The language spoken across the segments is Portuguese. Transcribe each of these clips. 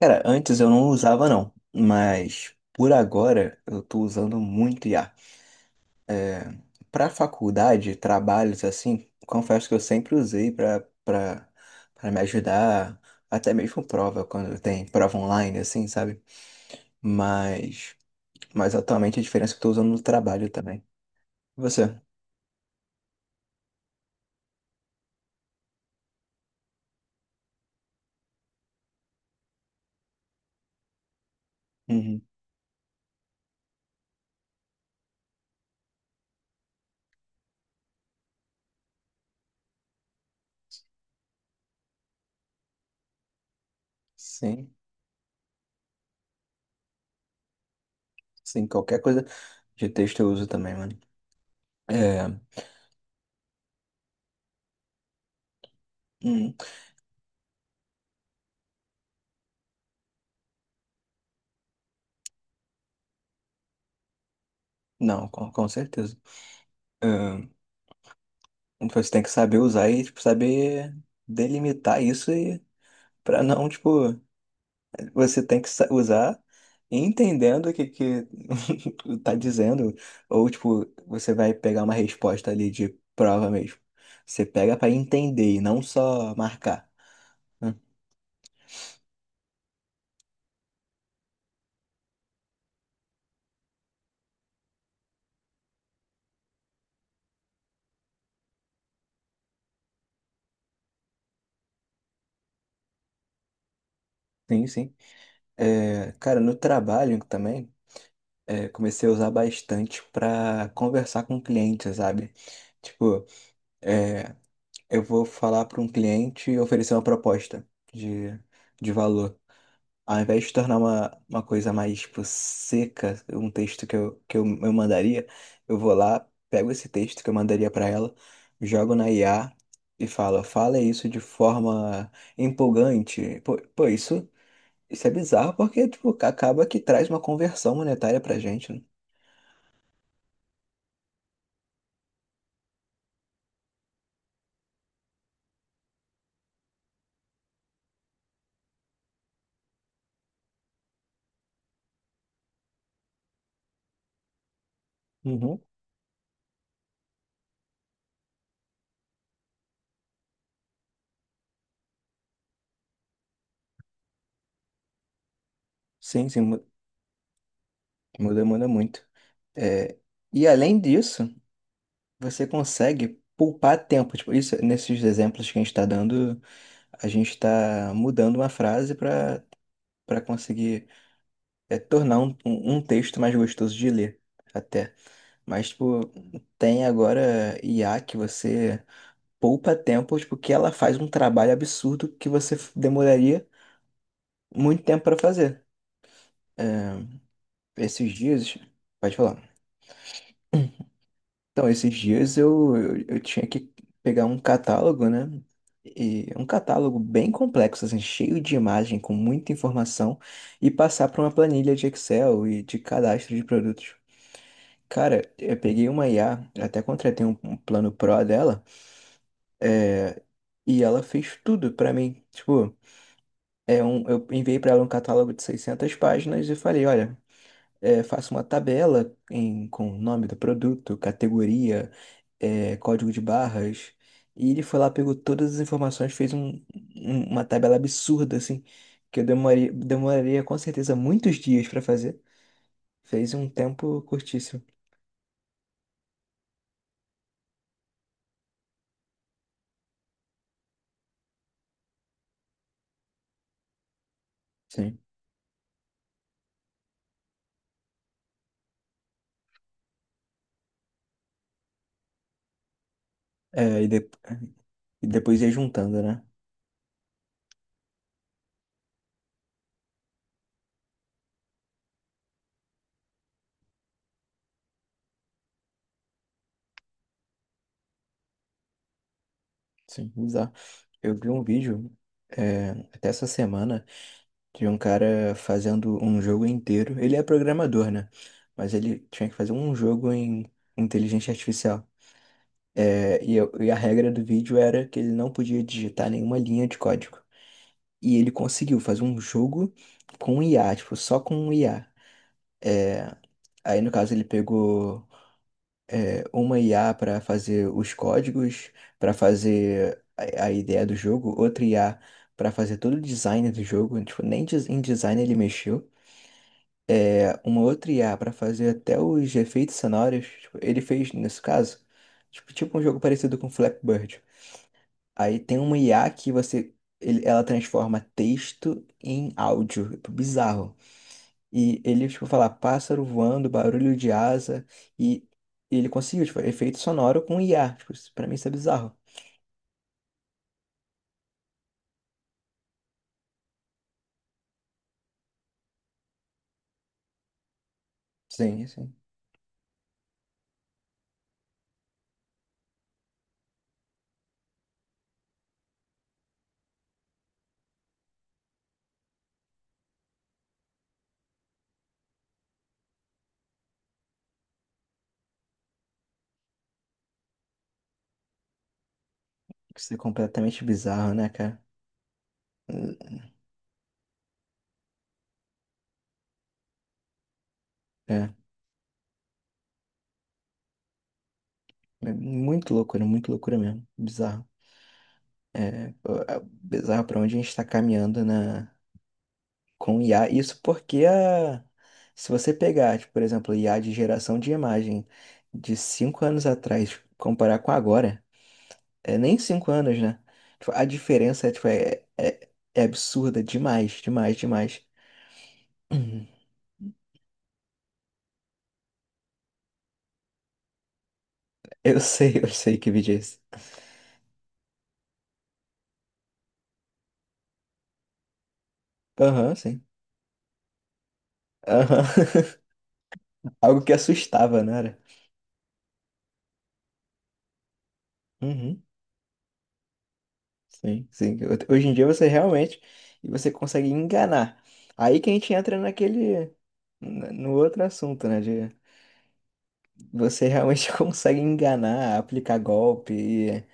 Cara, antes eu não usava não, mas por agora eu tô usando muito IA. Pra faculdade, trabalhos assim, confesso que eu sempre usei pra para para me ajudar, até mesmo prova quando tem prova online assim, sabe? Mas mas atualmente a diferença é que eu tô usando no trabalho também. Você? Uhum. Sim, sim, qualquer coisa de texto eu uso também, mano. É, uhum. Não, com certeza. Tipo, você tem que saber usar e, tipo, saber delimitar isso e para não, tipo, você tem usar entendendo o que que tá dizendo, ou tipo, você vai pegar uma resposta ali de prova mesmo. Você pega para entender e não só marcar. Hum, Sim, sim. É, cara, no trabalho também, é, comecei a usar bastante para conversar com clientes, sabe? Tipo, é, eu vou falar para um cliente e oferecer uma proposta de, de valor. Ao invés de tornar uma coisa mais, tipo, seca, um texto que eu mandaria, eu vou lá, pego esse texto que eu mandaria para ela, jogo na IA e falo, fala isso de forma empolgante. Isso, isso é bizarro porque, tipo, acaba que traz uma conversão monetária pra gente, né? Uhum. Sim, sim, muda muito. É, e além disso, você consegue poupar tempo. Tipo, isso, nesses exemplos que a gente está dando, a gente está mudando uma frase para conseguir, é, tornar um texto mais gostoso de ler, até. Mas, tipo, tem agora IA que você poupa tempo, tipo, que ela faz um trabalho absurdo que demoraria muito tempo para fazer. É, esses dias, pode falar. Então, esses dias eu tinha que pegar um catálogo, né? E um catálogo bem complexo, assim, cheio de imagem, com muita informação, e passar para uma planilha de Excel e de cadastro de produtos. Cara, eu peguei uma IA, até contratei um plano Pro dela, é, e ela fez tudo para mim. Tipo, é um, eu enviei para ela um catálogo de 600 páginas e falei, olha, é, faça uma tabela em, com o nome do produto, categoria, é, código de barras. E ele foi lá, pegou todas as informações, fez uma tabela absurda, assim, que eu demoraria com certeza muitos dias para fazer. Fez um tempo curtíssimo. Sim. É, e depois ia juntando, né? Sim, bizarro. Eu vi um vídeo, é, até essa semana, de um cara fazendo um jogo inteiro. Ele é programador, né? Mas ele tinha que fazer um jogo em inteligência artificial. É, e a regra do vídeo era que ele não podia digitar nenhuma linha de código. E ele conseguiu fazer um jogo com IA, tipo, só com IA. É, aí, no caso, ele pegou, é, uma IA para fazer os códigos, para fazer a ideia do jogo, outra IA para fazer todo o design do jogo. Tipo, nem des- em design ele mexeu. É, uma outra IA para fazer até os efeitos sonoros. Tipo, ele fez, nesse caso, tipo um jogo parecido com Flappy Bird. Aí tem uma IA que você, ela transforma texto em áudio. É tipo, bizarro. E ele, tipo, fala pássaro voando, barulho de asa. E ele conseguiu, tipo, efeito sonoro com IA. Tipo, pra mim isso é bizarro. Sim, sim. Isso é completamente bizarro, né, cara? É, é muito loucura mesmo. Bizarro. É, pô, é bizarro para onde a gente está com IA. Isso porque se você pegar, tipo, por exemplo, IA de geração de imagem de 5 anos atrás, comparar com agora, é nem 5 anos, né? Tipo, a diferença é, tipo, é absurda demais, demais, demais. Uhum. Eu sei que vídeo é esse. Aham, sim. Aham. Algo que assustava, não era? Uhum. Sim, sim. Hoje em dia você realmente e você consegue enganar. Aí que a gente entra naquele, no outro assunto, né? De você realmente consegue enganar, aplicar golpe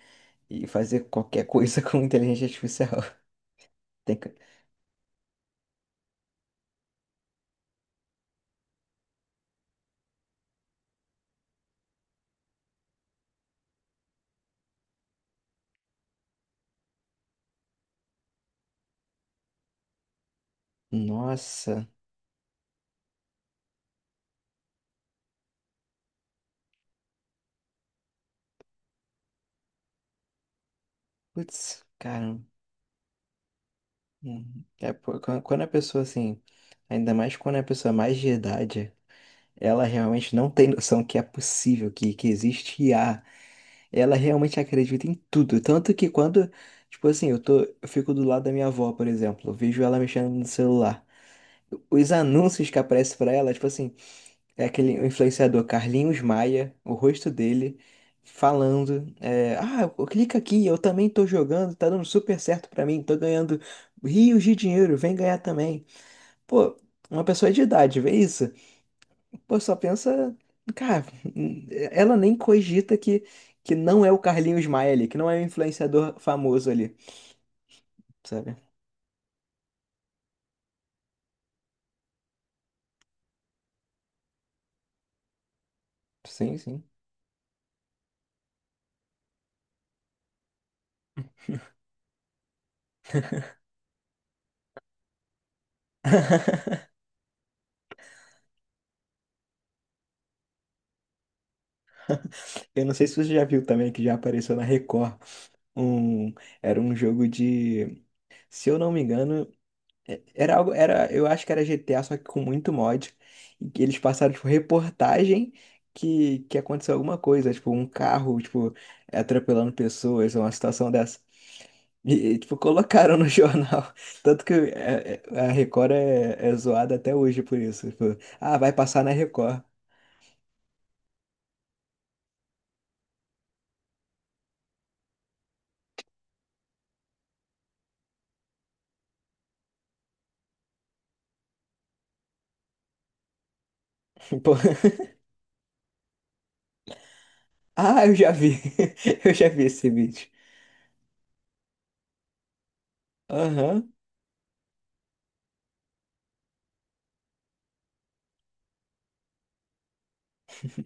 e fazer qualquer coisa com inteligência artificial. Tem que- Nossa, putz, cara. É, pô, quando a pessoa assim, ainda mais quando é a pessoa é mais de idade. Ela realmente não tem noção que é possível, que existe IA Ela realmente acredita em tudo. Tanto que quando, tipo assim, eu tô, eu fico do lado da minha avó, por exemplo, eu vejo ela mexendo no celular. Os anúncios que aparecem pra ela, tipo assim, é aquele influenciador Carlinhos Maia, o rosto dele, falando, é, ah, clica aqui, eu também tô jogando, tá dando super certo pra mim, tô ganhando rios de dinheiro, vem ganhar também. Pô, uma pessoa de idade, vê isso? Pô, só pensa. Cara, ela nem cogita que não é o Carlinhos Maia ali, que não é o influenciador famoso ali, sabe? Sim, sim. Eu não sei se você já viu também que já apareceu na Record. Um, era um jogo de, se eu não me engano, era algo, era, eu acho que era GTA, só que com muito mod. E que eles passaram, tipo, reportagem que aconteceu alguma coisa, tipo, um carro, tipo, atropelando pessoas, uma situação dessa. Tipo, colocaram no jornal. Tanto que é, a Record é zoada até hoje por isso. Tipo, ah, vai passar na Record. Pô, ah, eu já vi. Eu já vi esse vídeo. Aham,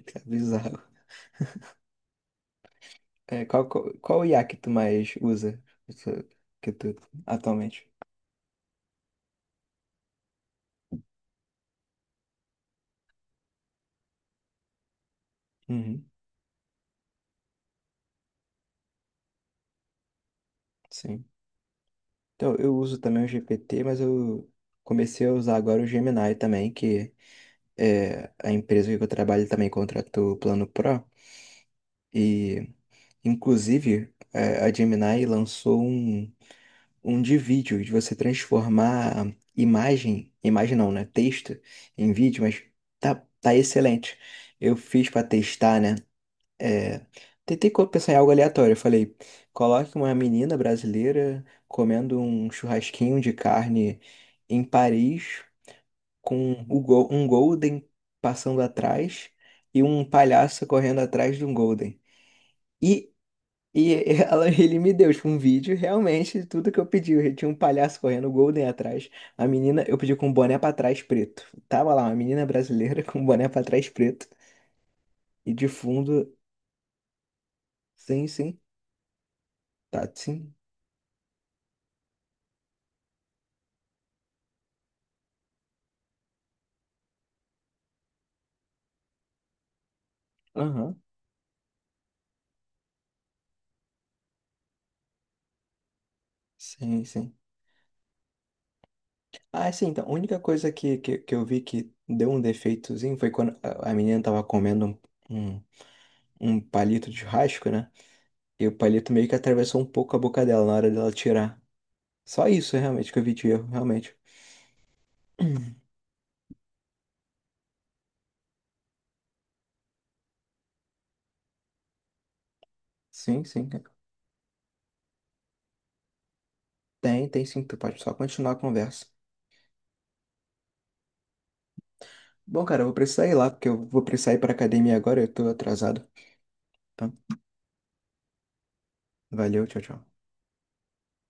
que é bizarro. É, qual IA que tu mais usa? Que tu que tu- atualmente? Uhum, sim. Então, eu uso também o GPT, mas eu comecei a usar agora o Gemini também, que é a empresa que eu trabalho também contratou o Plano Pro. E, inclusive, é, a Gemini lançou um, um de vídeo, de você transformar imagem, imagem não, né? Texto em vídeo, mas tá, tá excelente. Eu fiz para testar, né? É, pensar em algo aleatório. Eu falei, coloque uma menina brasileira comendo um churrasquinho de carne em Paris, com um Golden passando atrás e um palhaço correndo atrás de um Golden. E, e ele me deu tipo, um vídeo, realmente, de tudo que eu pedi. Eu tinha um palhaço correndo, o Golden atrás. A menina, eu pedi com um boné pra trás preto. Tava lá, uma menina brasileira com um boné pra trás preto. E de fundo, sim, sim, tá, sim. Aham. Sim, sim. Ah, é sim, então, a única coisa que eu vi que deu um defeitozinho foi quando a menina tava comendo um, um, um palito de churrasco, né? E o palito meio que atravessou um pouco a boca dela na hora dela tirar. Só isso, realmente, que eu vi de erro, realmente. Sim, sim. Tem, tem sim, tu pode só continuar a conversa. Bom, cara, eu vou precisar ir lá, porque eu vou precisar ir pra academia agora, eu tô atrasado. Então, valeu, tchau, tchau.